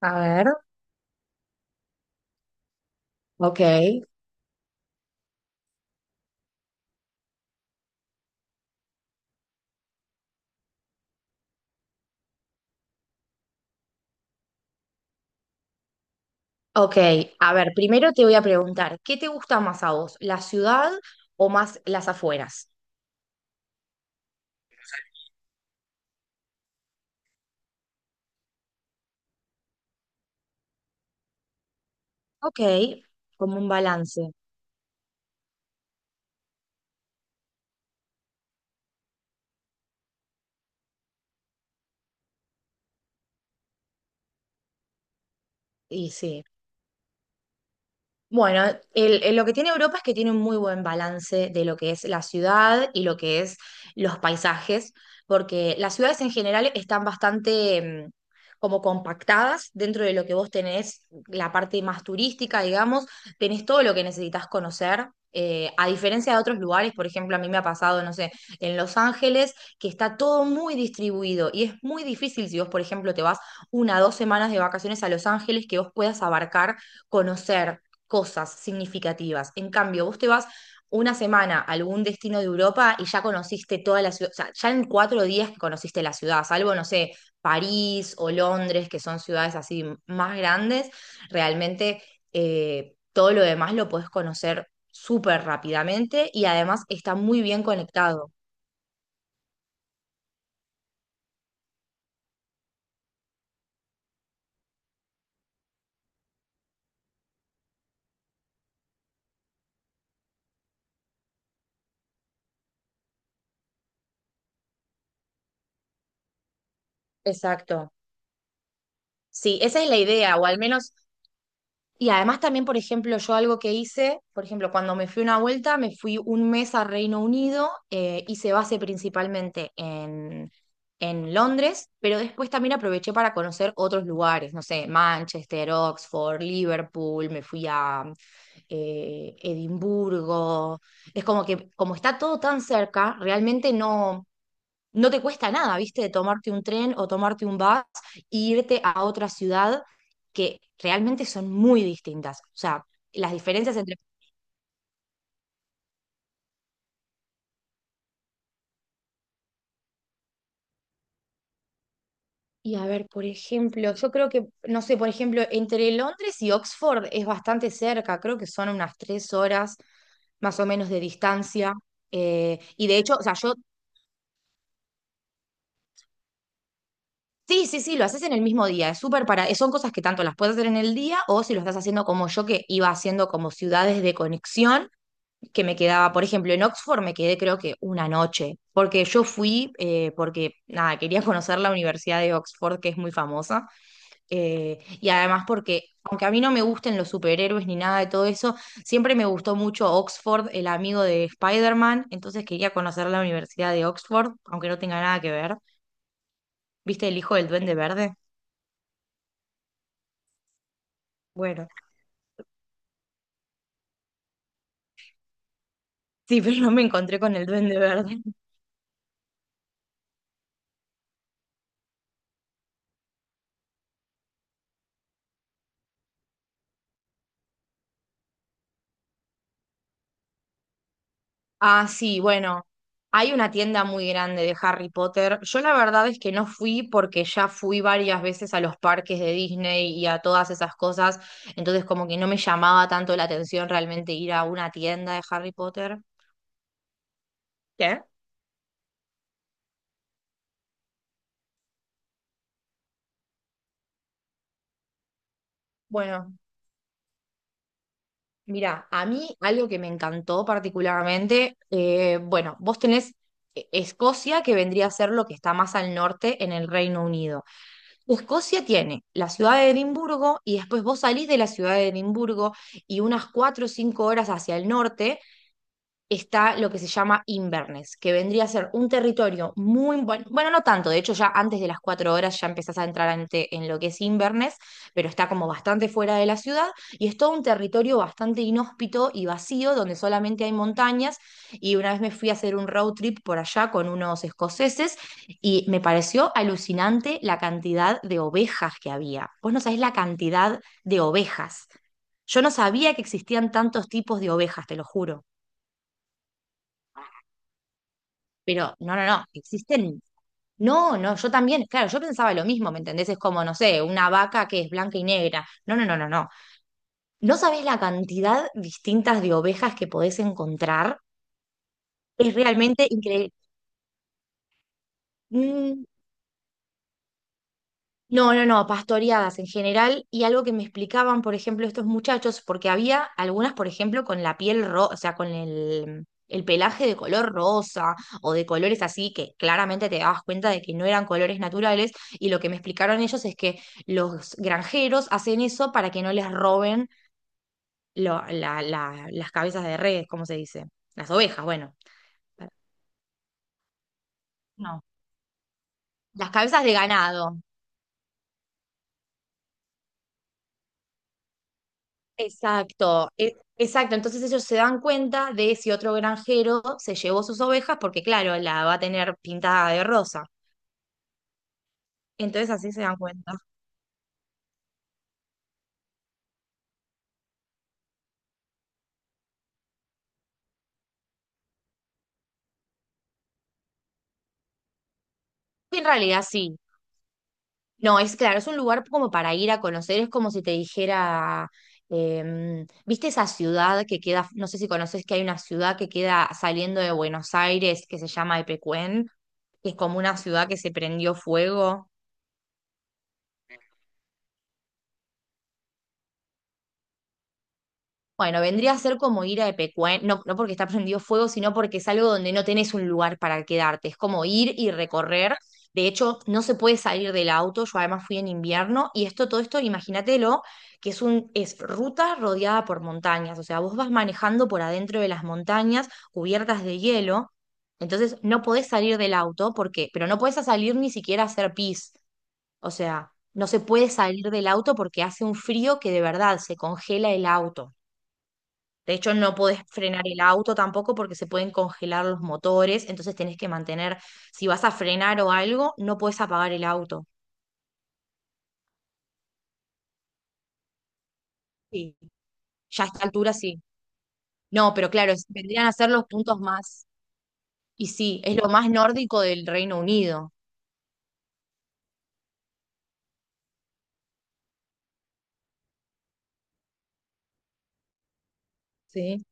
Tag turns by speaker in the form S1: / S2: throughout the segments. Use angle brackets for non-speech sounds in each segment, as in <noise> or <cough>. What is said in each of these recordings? S1: A ver, ok, ok. A ver, primero te voy a preguntar, ¿qué te gusta más a vos, la ciudad o más las afueras? Ok, como un balance. Y sí. Bueno, lo que tiene Europa es que tiene un muy buen balance de lo que es la ciudad y lo que es los paisajes, porque las ciudades en general están bastante mm, como compactadas dentro de lo que vos tenés, la parte más turística, digamos, tenés todo lo que necesitas conocer. A diferencia de otros lugares, por ejemplo, a mí me ha pasado, no sé, en Los Ángeles, que está todo muy distribuido y es muy difícil si vos, por ejemplo, te vas una o 2 semanas de vacaciones a Los Ángeles que vos puedas abarcar, conocer cosas significativas. En cambio, vos te vas una semana a algún destino de Europa y ya conociste toda la ciudad, o sea, ya en 4 días que conociste la ciudad, salvo, no sé, París o Londres, que son ciudades así más grandes, realmente todo lo demás lo podés conocer súper rápidamente y además está muy bien conectado. Exacto. Sí, esa es la idea, o al menos. Y además también, por ejemplo, yo algo que hice, por ejemplo, cuando me fui una vuelta, me fui un mes a Reino Unido, hice base principalmente en Londres, pero después también aproveché para conocer otros lugares, no sé, Manchester, Oxford, Liverpool, me fui a Edimburgo. Es como que, como está todo tan cerca, realmente no, no te cuesta nada, ¿viste? Tomarte un tren o tomarte un bus e irte a otra ciudad que realmente son muy distintas. O sea, las diferencias entre. Y a ver, por ejemplo, yo creo que, no sé, por ejemplo, entre Londres y Oxford es bastante cerca, creo que son unas 3 horas más o menos de distancia. Y de hecho, o sea, yo, sí, sí, sí, lo haces en el mismo día, es súper para, son cosas que tanto las puedes hacer en el día o si lo estás haciendo como yo, que iba haciendo como ciudades de conexión, que me quedaba, por ejemplo, en Oxford me quedé creo que una noche, porque yo fui, porque nada, quería conocer la Universidad de Oxford, que es muy famosa, y además porque, aunque a mí no me gusten los superhéroes ni nada de todo eso, siempre me gustó mucho Oxford, el amigo de Spider-Man, entonces quería conocer la Universidad de Oxford, aunque no tenga nada que ver. ¿Viste el hijo del Duende Verde? Bueno, sí, <laughs> pero no me encontré con el Duende Verde. Ah, sí, bueno, hay una tienda muy grande de Harry Potter. Yo la verdad es que no fui porque ya fui varias veces a los parques de Disney y a todas esas cosas, entonces como que no me llamaba tanto la atención realmente ir a una tienda de Harry Potter. ¿Qué? Bueno, mira, a mí algo que me encantó particularmente, bueno, vos tenés Escocia, que vendría a ser lo que está más al norte en el Reino Unido. Escocia tiene la ciudad de Edimburgo y después vos salís de la ciudad de Edimburgo y unas 4 o 5 horas hacia el norte está lo que se llama Inverness, que vendría a ser un territorio muy bueno, bueno, no tanto, de hecho ya antes de las 4 horas ya empezás a entrar en lo que es Inverness, pero está como bastante fuera de la ciudad y es todo un territorio bastante inhóspito y vacío donde solamente hay montañas y una vez me fui a hacer un road trip por allá con unos escoceses y me pareció alucinante la cantidad de ovejas que había. Vos no sabés la cantidad de ovejas. Yo no sabía que existían tantos tipos de ovejas, te lo juro. Pero no, no, no, existen. No, no, yo también, claro, yo pensaba lo mismo, ¿me entendés? Es como, no sé, una vaca que es blanca y negra. No, no, no, no, no. No sabés la cantidad distintas de ovejas que podés encontrar. Es realmente increíble. Mm. No, no, no, pastoreadas en general y algo que me explicaban, por ejemplo, estos muchachos, porque había algunas, por ejemplo, con la piel rosa, o sea, con el pelaje de color rosa o de colores así que claramente te dabas cuenta de que no eran colores naturales y lo que me explicaron ellos es que los granjeros hacen eso para que no les roben las cabezas de redes, ¿cómo se dice? Las ovejas, bueno. No, las cabezas de ganado. Exacto, exacto. Entonces ellos se dan cuenta de si otro granjero se llevó sus ovejas, porque claro, la va a tener pintada de rosa. Entonces así se dan cuenta. En realidad sí. No, es claro, es un lugar como para ir a conocer, es como si te dijera, ¿viste esa ciudad que queda, no sé si conoces que hay una ciudad que queda saliendo de Buenos Aires que se llama Epecuén, que es como una ciudad que se prendió fuego? Bueno, vendría a ser como ir a Epecuén, no, no porque está prendido fuego, sino porque es algo donde no tenés un lugar para quedarte. Es como ir y recorrer. De hecho, no se puede salir del auto. Yo además fui en invierno y esto, todo esto, imagínatelo, que es ruta rodeada por montañas. O sea, vos vas manejando por adentro de las montañas cubiertas de hielo. Entonces, no podés salir del auto porque, pero no podés salir ni siquiera a hacer pis. O sea, no se puede salir del auto porque hace un frío que de verdad se congela el auto. De hecho, no podés frenar el auto tampoco porque se pueden congelar los motores, entonces tenés que mantener, si vas a frenar o algo, no podés apagar el auto. Sí. Ya a esta altura sí. No, pero claro, vendrían a ser los puntos más, y sí, es lo más nórdico del Reino Unido. Sí.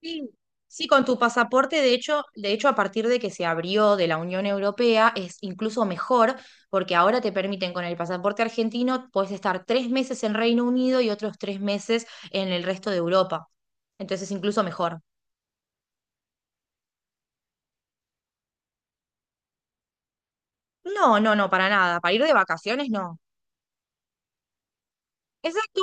S1: Sí, sí, con tu pasaporte, de hecho, a partir de que se abrió de la Unión Europea, es incluso mejor, porque ahora te permiten con el pasaporte argentino, puedes estar 3 meses en Reino Unido y otros 3 meses en el resto de Europa. Entonces, incluso mejor. No, no, no, para nada. Para ir de vacaciones, no. Exacto.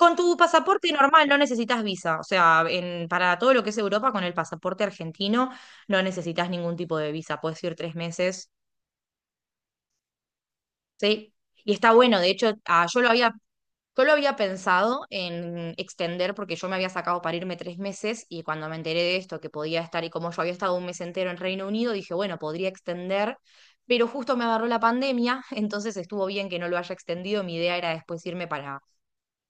S1: Con tu pasaporte normal no necesitas visa. O sea, para todo lo que es Europa, con el pasaporte argentino no necesitas ningún tipo de visa. Puedes ir 3 meses, ¿sí? Y está bueno, de hecho, Yo lo había pensado en extender porque yo me había sacado para irme 3 meses y cuando me enteré de esto, que podía estar y como yo había estado un mes entero en Reino Unido, dije, bueno, podría extender, pero justo me agarró la pandemia, <laughs> entonces estuvo bien que no lo haya extendido. Mi idea era después irme para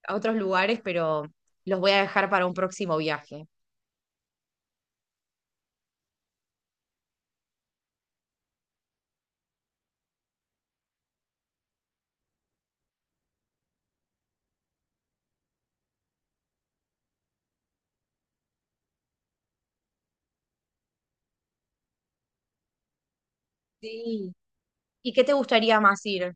S1: a otros lugares, pero los voy a dejar para un próximo viaje. Sí. ¿Y qué te gustaría más ir?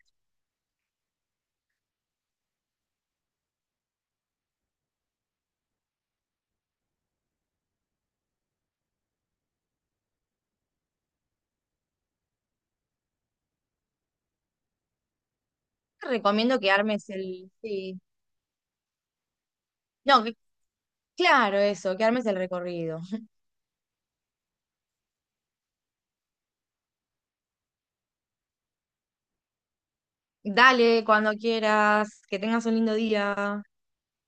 S1: Te recomiendo que armes el. Sí. No, claro, eso, que armes el recorrido. <laughs> Dale, cuando quieras, que tengas un lindo día.